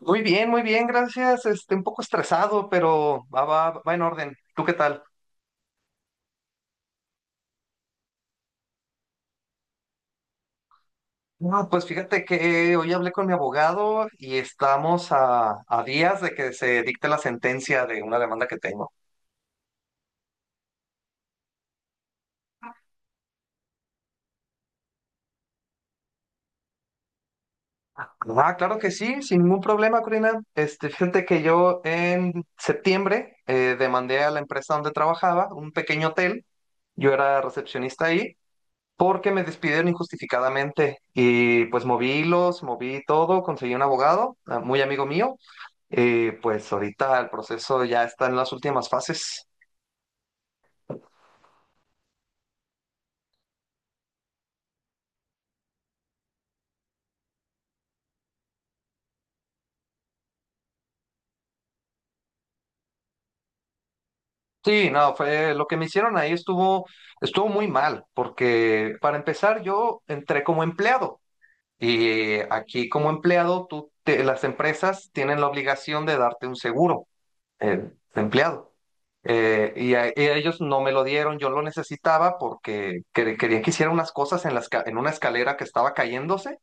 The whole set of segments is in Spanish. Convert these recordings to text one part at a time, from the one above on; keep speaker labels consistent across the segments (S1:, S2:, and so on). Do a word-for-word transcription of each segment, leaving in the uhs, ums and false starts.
S1: Muy bien, muy bien, gracias. Este, un poco estresado, pero va, va, va en orden. ¿Tú qué tal? No, pues fíjate que hoy hablé con mi abogado y estamos a, a días de que se dicte la sentencia de una demanda que tengo. Ah, claro que sí, sin ningún problema, Corina. Este, fíjate que yo en septiembre eh, demandé a la empresa donde trabajaba, un pequeño hotel. Yo era recepcionista ahí porque me despidieron injustificadamente y pues moví hilos, moví todo, conseguí un abogado, ah, muy amigo mío. Y pues ahorita el proceso ya está en las últimas fases. Sí, no, fue lo que me hicieron ahí estuvo, estuvo muy mal, porque para empezar yo entré como empleado, y aquí como empleado tú te- las empresas tienen la obligación de darte un seguro eh, de empleado. Eh, y, a- y ellos no me lo dieron, yo lo necesitaba porque quer- querían que hiciera unas cosas en la esca- en una escalera que estaba cayéndose.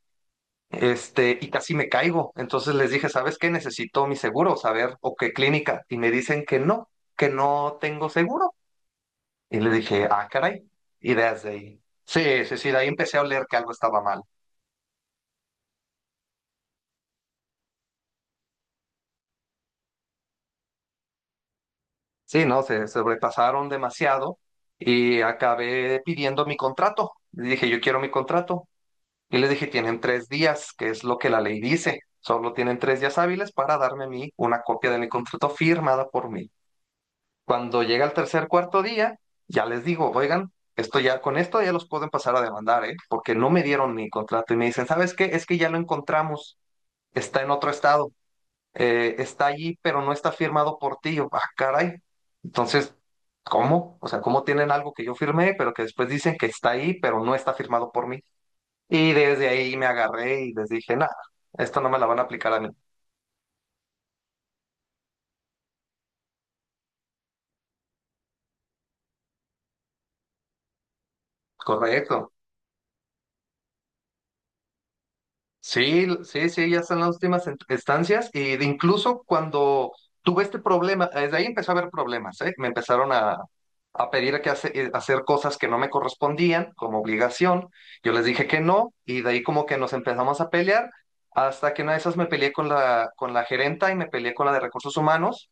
S1: Este, y casi me caigo. Entonces les dije, ¿sabes qué? Necesito mi seguro, saber o qué clínica. Y me dicen que no, que no tengo seguro. Y le dije, ah, caray. Y desde ahí. Sí, sí, sí, de ahí empecé a oler que algo estaba mal. Sí, no, se sobrepasaron demasiado y acabé pidiendo mi contrato. Le dije, yo quiero mi contrato. Y les dije, tienen tres días, que es lo que la ley dice. Solo tienen tres días hábiles para darme a mí una copia de mi contrato firmada por mí. Cuando llega el tercer, cuarto día, ya les digo, oigan, esto ya, con esto ya los pueden pasar a demandar, ¿eh? Porque no me dieron mi contrato y me dicen, ¿sabes qué? Es que ya lo encontramos, está en otro estado, eh, está allí, pero no está firmado por ti. Yo, ah, caray. Entonces, ¿cómo? O sea, ¿cómo tienen algo que yo firmé, pero que después dicen que está ahí, pero no está firmado por mí? Y desde ahí me agarré y les dije, nada, esto no me la van a aplicar a mí. Correcto. Sí, sí, sí, ya están las últimas ent- estancias y de incluso cuando tuve este problema, eh, desde ahí empezó a haber problemas, ¿eh? Me empezaron a, a pedir que hace- eh, hacer cosas que no me correspondían como obligación, yo les dije que no y de ahí como que nos empezamos a pelear hasta que una de esas me peleé con la, con la gerenta y me peleé con la de recursos humanos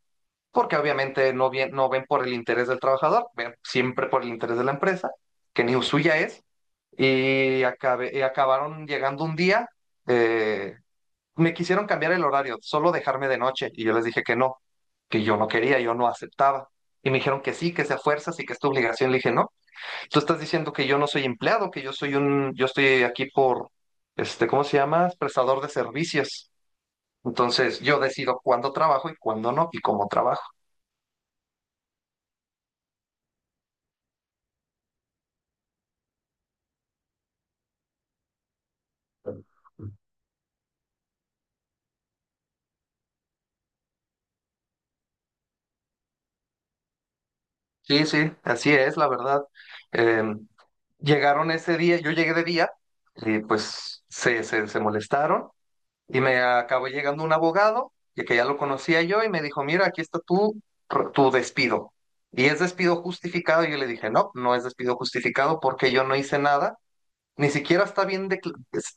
S1: porque obviamente no, bien, no ven por el interés del trabajador, ven siempre por el interés de la empresa, que ni suya es, y acabé- y acabaron llegando un día, eh, me quisieron cambiar el horario, solo dejarme de noche y yo les dije que no, que yo no quería, yo no aceptaba. Y me dijeron que sí, que sea fuerzas y que es tu obligación. Le dije, no, tú estás diciendo que yo no soy empleado, que yo soy un, yo estoy aquí por, este, ¿cómo se llama? Prestador de servicios. Entonces yo decido cuándo trabajo y cuándo no y cómo trabajo. Sí, sí, así es, la verdad. Eh, Llegaron ese día, yo llegué de día y pues se, se, se molestaron y me acabó llegando un abogado, y que ya lo conocía yo y me dijo, mira, aquí está tu, tu despido. Y es despido justificado. Y yo le dije, no, no es despido justificado porque yo no hice nada, ni siquiera está bien de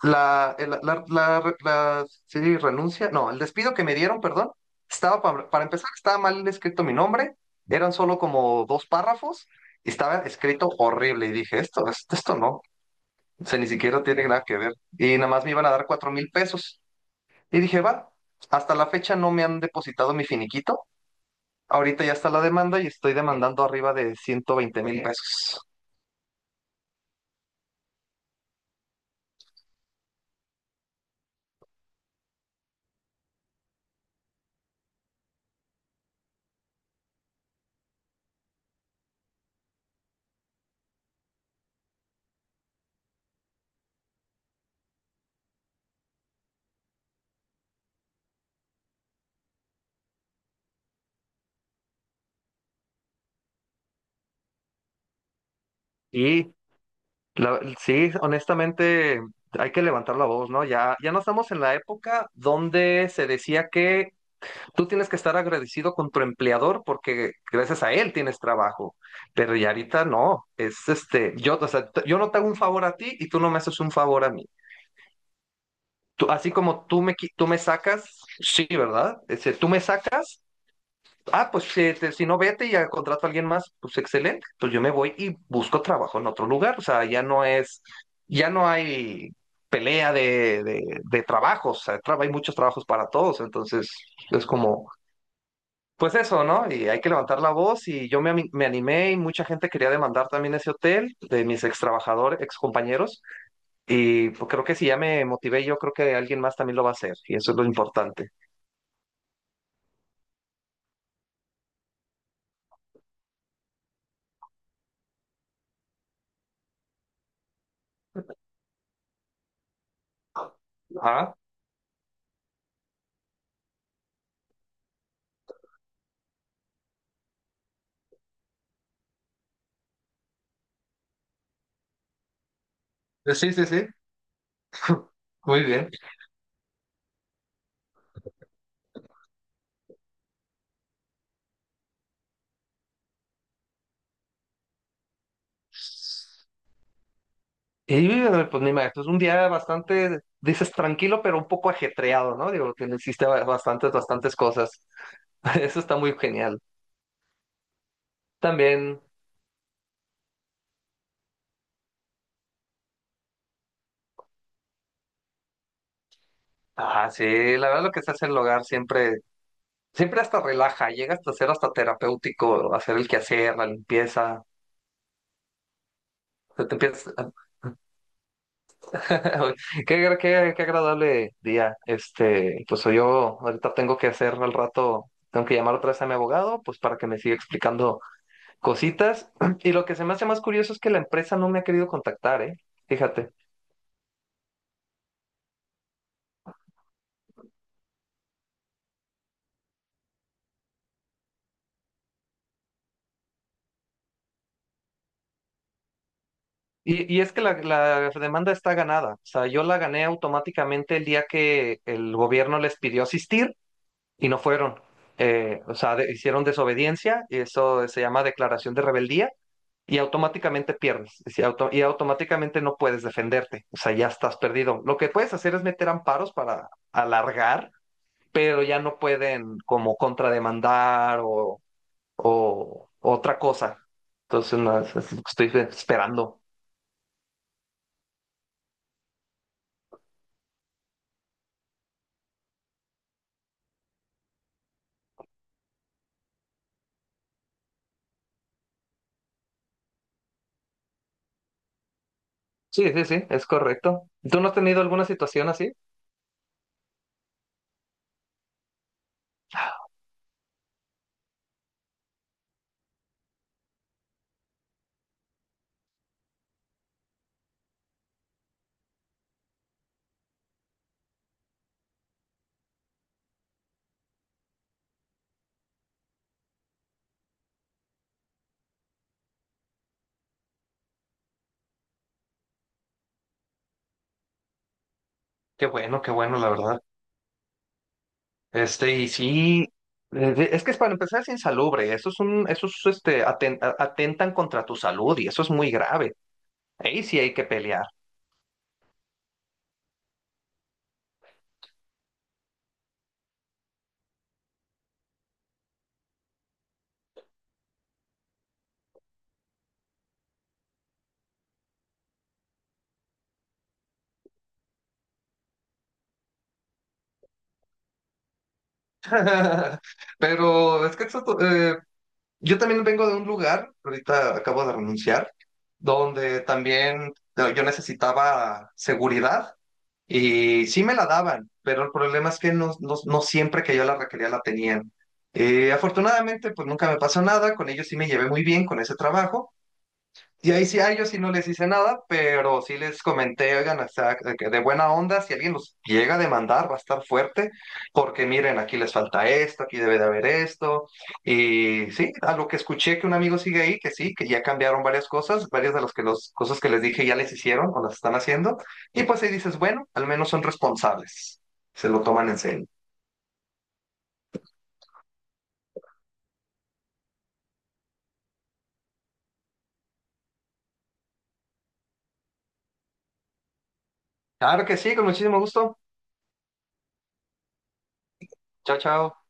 S1: la, el- la, la- la- sí, renuncia. No, el despido que me dieron, perdón, estaba para, para empezar, estaba mal escrito mi nombre, eran solo como dos párrafos, y estaba escrito horrible. Y dije, esto, esto, esto no, o sea, ni siquiera tiene nada que ver. Y nada más me iban a dar cuatro mil pesos. Y dije, va, hasta la fecha no me han depositado mi finiquito. Ahorita ya está la demanda y estoy demandando arriba de ciento veinte mil pesos. y La- sí, honestamente, hay que levantar la voz, ¿no? Ya, ya no estamos en la época donde se decía que tú tienes que estar agradecido con tu empleador porque gracias a él tienes trabajo. Pero ya ahorita no, es este, yo, o sea, t- yo no te hago un favor a ti y tú no me haces un favor a mí. Tú- así como tú me, qui- tú me sacas, sí, ¿verdad? Este, tú me sacas. Ah, pues eh, te- si no vete y ya contrato a alguien más, pues excelente. Pues yo me voy y busco trabajo en otro lugar. O sea, ya no es, ya no hay pelea de, de, de trabajos. O sea, traba- hay muchos trabajos para todos. Entonces, es como, pues eso, ¿no? Y hay que levantar la voz. Y yo me, ami- me animé y mucha gente quería demandar también ese hotel de mis ex trabajadores, ex compañeros. Y pues, creo que si ya me motivé, yo creo que alguien más también lo va a hacer. Y eso es lo importante. Ah, sí, sí, sí. Muy bien. Y eh, pues me imagino, es un día bastante, dices tranquilo, pero un poco ajetreado, ¿no? Digo, que le hiciste ba- bastantes, bastantes cosas. Eso está muy genial. También, ah, sí, la verdad lo que se hace en el hogar siempre, siempre hasta relaja, llega hasta ser hasta terapéutico, hacer el quehacer, la limpieza. se te empieza- Qué, gra- qué, qué agradable día. Este, pues yo ahorita tengo que hacer al rato, tengo que llamar otra vez a mi abogado, pues para que me siga explicando cositas. Y lo que se me hace más curioso es que la empresa no me ha querido contactar, ¿eh? Fíjate. Y, y es que la, la demanda está ganada. O sea, yo la gané automáticamente el día que el gobierno les pidió asistir y no fueron. Eh, o sea, de- hicieron desobediencia y eso se llama declaración de rebeldía y automáticamente pierdes. Y, si auto- y automáticamente no puedes defenderte. O sea, ya estás perdido. Lo que puedes hacer es meter amparos para alargar, pero ya no pueden como contrademandar o o otra cosa. Entonces, no, es, es lo que estoy esperando. Sí, sí, sí, es correcto. ¿Tú no has tenido alguna situación así? Qué bueno, qué bueno, la verdad. Este, y sí, eh, es que es para empezar es insalubre, eso es un, eso es, este, aten- a- atentan contra tu salud y eso es muy grave. Ahí sí hay que pelear. Pero es que eso, eh, yo también vengo de un lugar, ahorita acabo de renunciar, donde también eh, yo necesitaba seguridad y sí me la daban, pero el problema es que no, no, no siempre que yo la requería la tenían. Eh, afortunadamente, pues nunca me pasó nada, con ellos sí me llevé muy bien con ese trabajo, y ahí sí a ellos sí no les hice nada, pero sí les comenté, oigan, o sea, de que de buena onda, si alguien los llega a demandar, va a estar fuerte, porque miren, aquí les falta esto, aquí debe de haber esto. Y sí, a lo que escuché que un amigo sigue ahí, que sí, que ya cambiaron varias cosas, varias de las que los, cosas que les dije ya les hicieron o las están haciendo. Y pues ahí dices, bueno, al menos son responsables, se lo toman en serio. Claro que sí, con muchísimo gusto. Chao, chao.